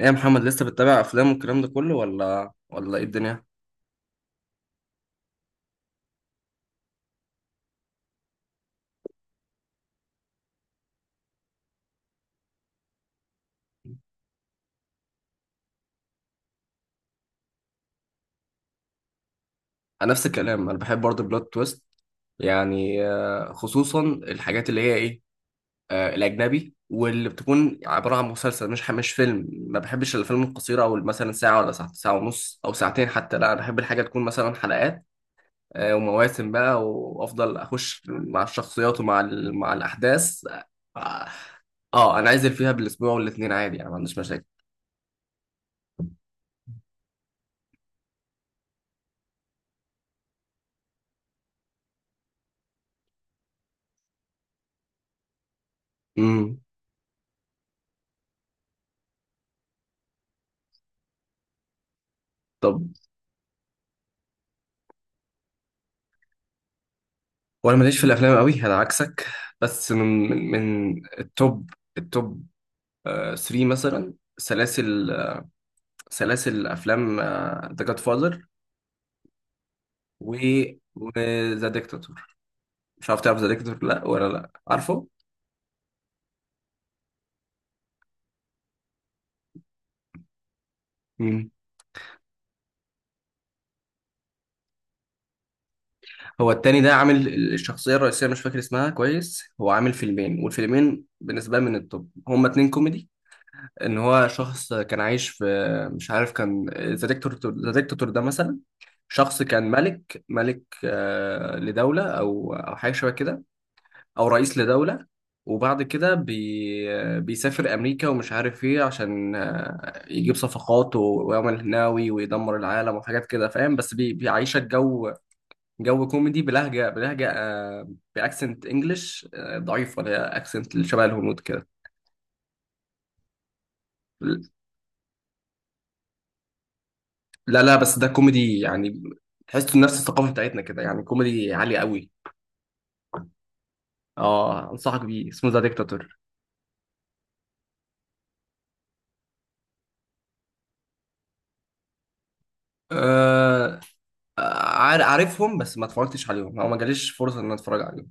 ايه يا محمد لسه بتتابع افلام والكلام ده كله ولا ايه الدنيا؟ انا نفس الكلام، انا بحب برضه بلوت تويست، يعني خصوصا الحاجات اللي هي ايه، الاجنبي، واللي بتكون عباره عن مسلسل، مش فيلم. ما بحبش الافلام القصيره، او مثلا ساعه ولا ساعه، ساعه ونص او ساعتين، حتى لا، انا بحب الحاجه تكون مثلا حلقات، ومواسم بقى، وافضل اخش مع الشخصيات ومع مع الاحداث. اه، انا عايز فيها بالاسبوع والاثنين عادي، يعني ما عنديش مشاكل. امم، طب. وانا ماليش في الافلام قوي، انا عكسك. بس من من التوب، التوب 3 مثلا سلاسل، سلاسل افلام. ذا جاد فاذر، و ذا ديكتاتور. مش عارف تعرف ذا ديكتاتور لا ولا لا عارفه؟ مم. هو التاني ده عامل، الشخصيه الرئيسيه مش فاكر اسمها كويس، هو عامل فيلمين، والفيلمين بالنسبه لي من التوب، هما اتنين كوميدي. ان هو شخص كان عايش في، مش عارف، كان ذا ديكتاتور، ذا ديكتاتور ده مثلا شخص كان ملك لدولة أو حاجة شبه كده، أو رئيس لدولة، وبعد كده بيسافر أمريكا، ومش عارف إيه، عشان يجيب صفقات ويعمل هناوي ويدمر العالم وحاجات كده فاهم، بس بيعيشك جو، جو كوميدي، بلهجة بأكسنت إنجلش ضعيف، ولا أكسنت اللي شبه الهنود كده. لا لا، بس ده كوميدي يعني، تحسه نفس الثقافة بتاعتنا كده، يعني كوميدي عالي قوي. اه، انصحك بيه، اسمه ذا ديكتاتور. آه، عارفهم، بس ما اتفرجتش عليهم، او ما جاليش فرصه ان أنا اتفرج عليهم.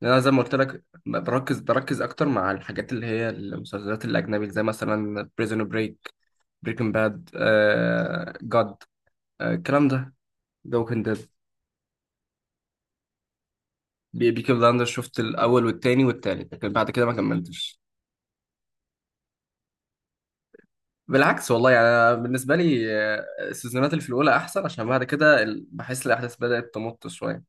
لان انا زي ما قلت لك، بركز اكتر مع الحاجات اللي هي المسلسلات الاجنبي، زي مثلا بريزون بريك، بريكنج باد، آه جاد، آه الكلام ده، ذا ووكينج ديد. بيكي بلاندر شفت الاول والتاني والتالت، لكن بعد كده ما كملتش. بالعكس والله، يعني أنا بالنسبه لي السيزونات اللي في الاولى احسن، عشان بعد كده بحس الاحداث بدات تمط شويه.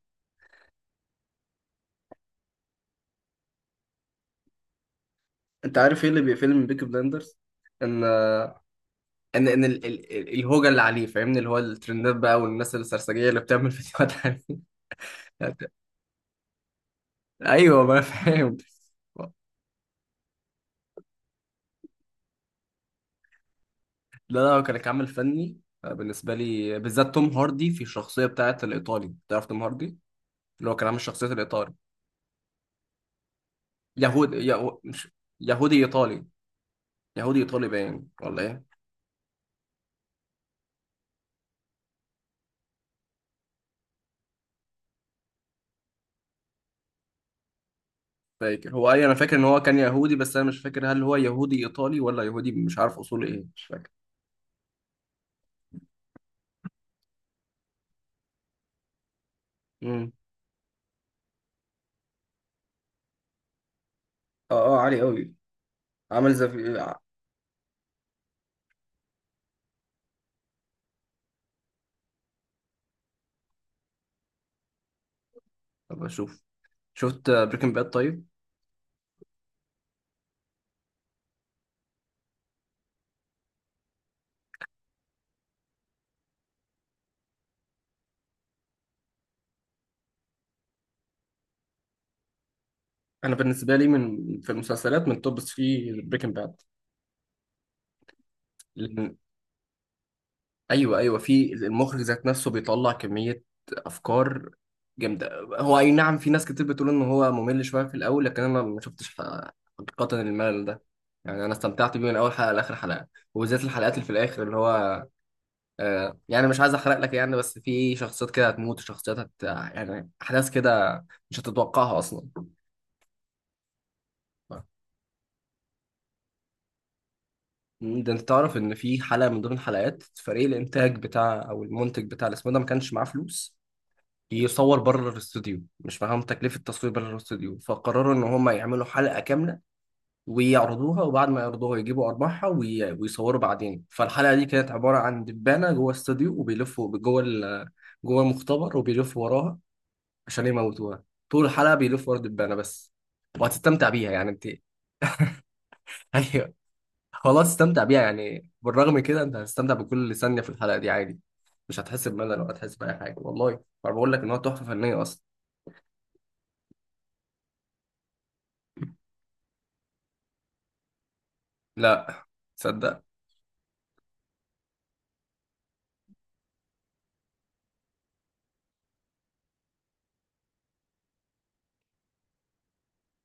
انت عارف ايه اللي بيقفلني من بيكي بلاندرز؟ ان، ان الهوجه اللي عليه فاهمني، اللي هو الترندات بقى، والناس السرسجيه اللي بتعمل فيديوهات عليه. ايوه ما أنا فاهم. لا لا، هو كان كعمل فني بالنسبه لي، بالذات توم هاردي في الشخصيه بتاعت الايطالي. تعرف توم هاردي اللي هو كان عامل شخصيه الايطالي؟ يهود يهو... مش يهودي ايطالي. يهودي ايطالي باين ولا ايه؟ فاكر هو اي، انا فاكر ان هو كان يهودي، بس انا مش فاكر هل هو يهودي ايطالي ولا يهودي، مش عارف اصوله ايه، مش فاكر. امم. اه اه، عالي قوي. عامل زي في، طب اشوف. شفت بريكنج باد طيب؟ انا بالنسبه لي من في المسلسلات من توب 3 بريكنج باد. ايوه ايوه، في المخرج ذات نفسه بيطلع كميه افكار جامده. هو اي نعم، في ناس كتير بتقول ان هو ممل شويه في الاول، لكن انا ما شفتش حقيقه الملل ده، يعني انا استمتعت بيه من اول حلقه لاخر حلقه. وبالذات الحلقات اللي في الاخر اللي هو، آه يعني مش عايز احرق لك يعني، بس في شخصيات كده هتموت، وشخصيات هت، يعني احداث كده مش هتتوقعها اصلا. مم، ده انت تعرف ان في حلقه من ضمن حلقات، فريق الانتاج بتاع او المنتج بتاع الاسم ده ما كانش معاه فلوس يصور بره الاستوديو، مش معاهم تكلفه التصوير بره الاستوديو، فقرروا ان هم يعملوا حلقه كامله ويعرضوها، وبعد ما يعرضوها يجيبوا ارباحها ويصوروا بعدين. فالحلقه دي كانت عباره عن دبانه جوه استوديو، وبيلفوا جوه جوه المختبر، وبيلفوا وراها عشان يموتوها. طول الحلقه بيلفوا ورا الدبانه بس، وهتستمتع بيها يعني انت. خلاص، استمتع بيها يعني، بالرغم من كده انت هتستمتع بكل ثانيه في الحلقه دي عادي. مش هتحس بملل ولا هتحس باي حاجه والله. انا بقول لك ان هو تحفه فنيه اصلا. لا، تصدق.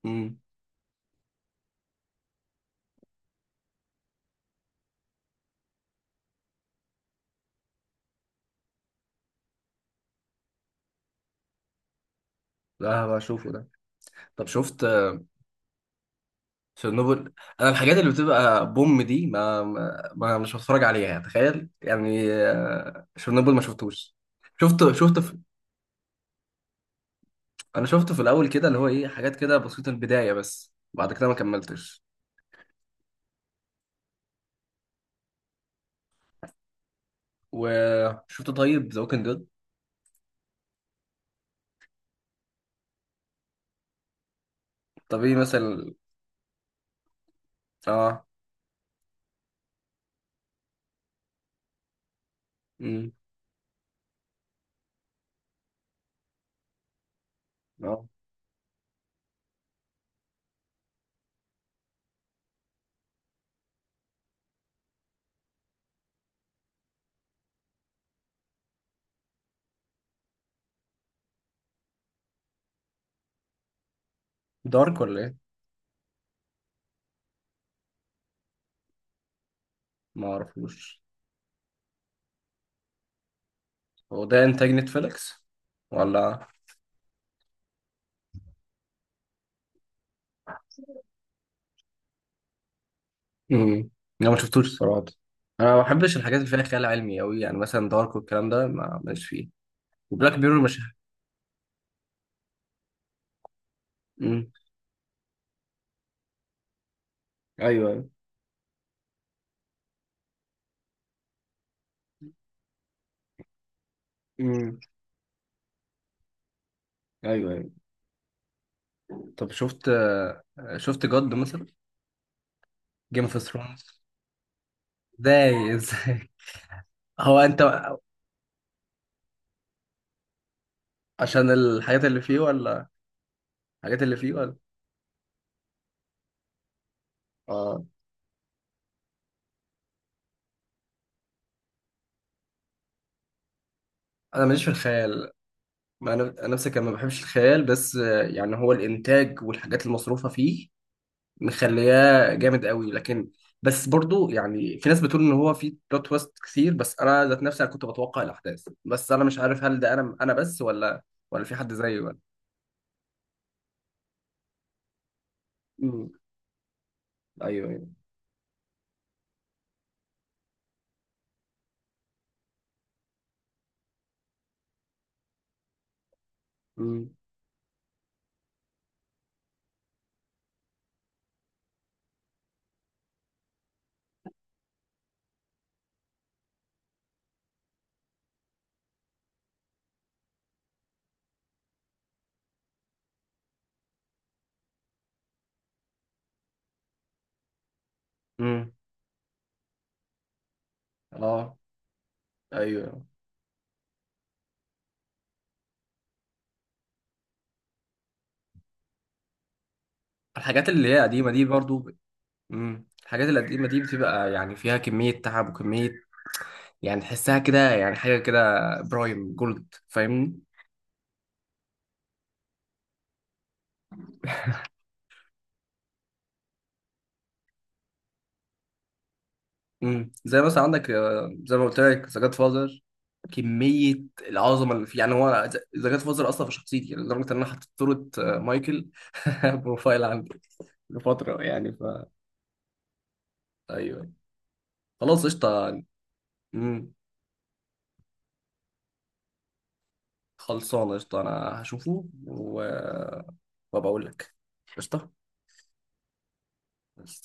امم، لا هبقى اشوفه ده. طب شفت تشيرنوبل؟ انا الحاجات اللي بتبقى بوم دي ما مش بتفرج عليها، تخيل يعني. تشيرنوبل ما شفتوش. شفته في... انا شفته في الاول كده اللي هو ايه، حاجات كده بسيطه البدايه، بس بعد كده ما كملتش. وشفت طيب ذا ووكينج ديد؟ طب ايه مثلا؟ اه. امم. اه. دارك ولا ايه؟ ما اعرفوش. هو ده انتاج نتفليكس ولا؟ امم، انا ما شفتوش الصراحه. انا ما بحبش الحاجات اللي فيها خيال علمي قوي، يعني مثلا دارك والكلام ده ما ماليش فيه، وبلاك بيرور مش. امم. ايوه ايوه. امم. ايوه ايوه. طب شفت، شفت جود مثلا، جيم اوف ثرونز؟ ازاي! ازاي! هو انت، عشان الحاجات اللي فيه ولا الحاجات اللي فيه ولا؟ اه، انا ماليش في الخيال، ما انا أنا نفسي كان ما بحبش الخيال، بس يعني هو الانتاج والحاجات المصروفه فيه مخلياه جامد قوي، لكن، بس برضو يعني في ناس بتقول ان هو فيه بلوت تويست كتير، بس انا ذات نفسي انا كنت بتوقع الاحداث، بس انا مش عارف هل ده انا انا بس ولا، ولا في حد زيي ولا. امم. ايوه ايوه. امم. امم. اه. ايوه. الحاجات اللي هي قديمه دي برضو امم، الحاجات القديمه دي بتبقى يعني فيها كميه تعب وكميه، يعني تحسها كده يعني حاجه كده، برايم جولد فاهمني. امم، زي مثلا عندك زي ما قلت لك ذا جاد فازر، كميه العظمه اللي فيه يعني. هو ذا جاد فازر اصلا في شخصيتي، يعني لدرجه ان انا حطيت صوره مايكل بروفايل عندي لفتره، يعني ف. ايوه، خلاص قشطه. امم، خلصانه قشطه، انا هشوفه و وابقى اقول لك. قشطه.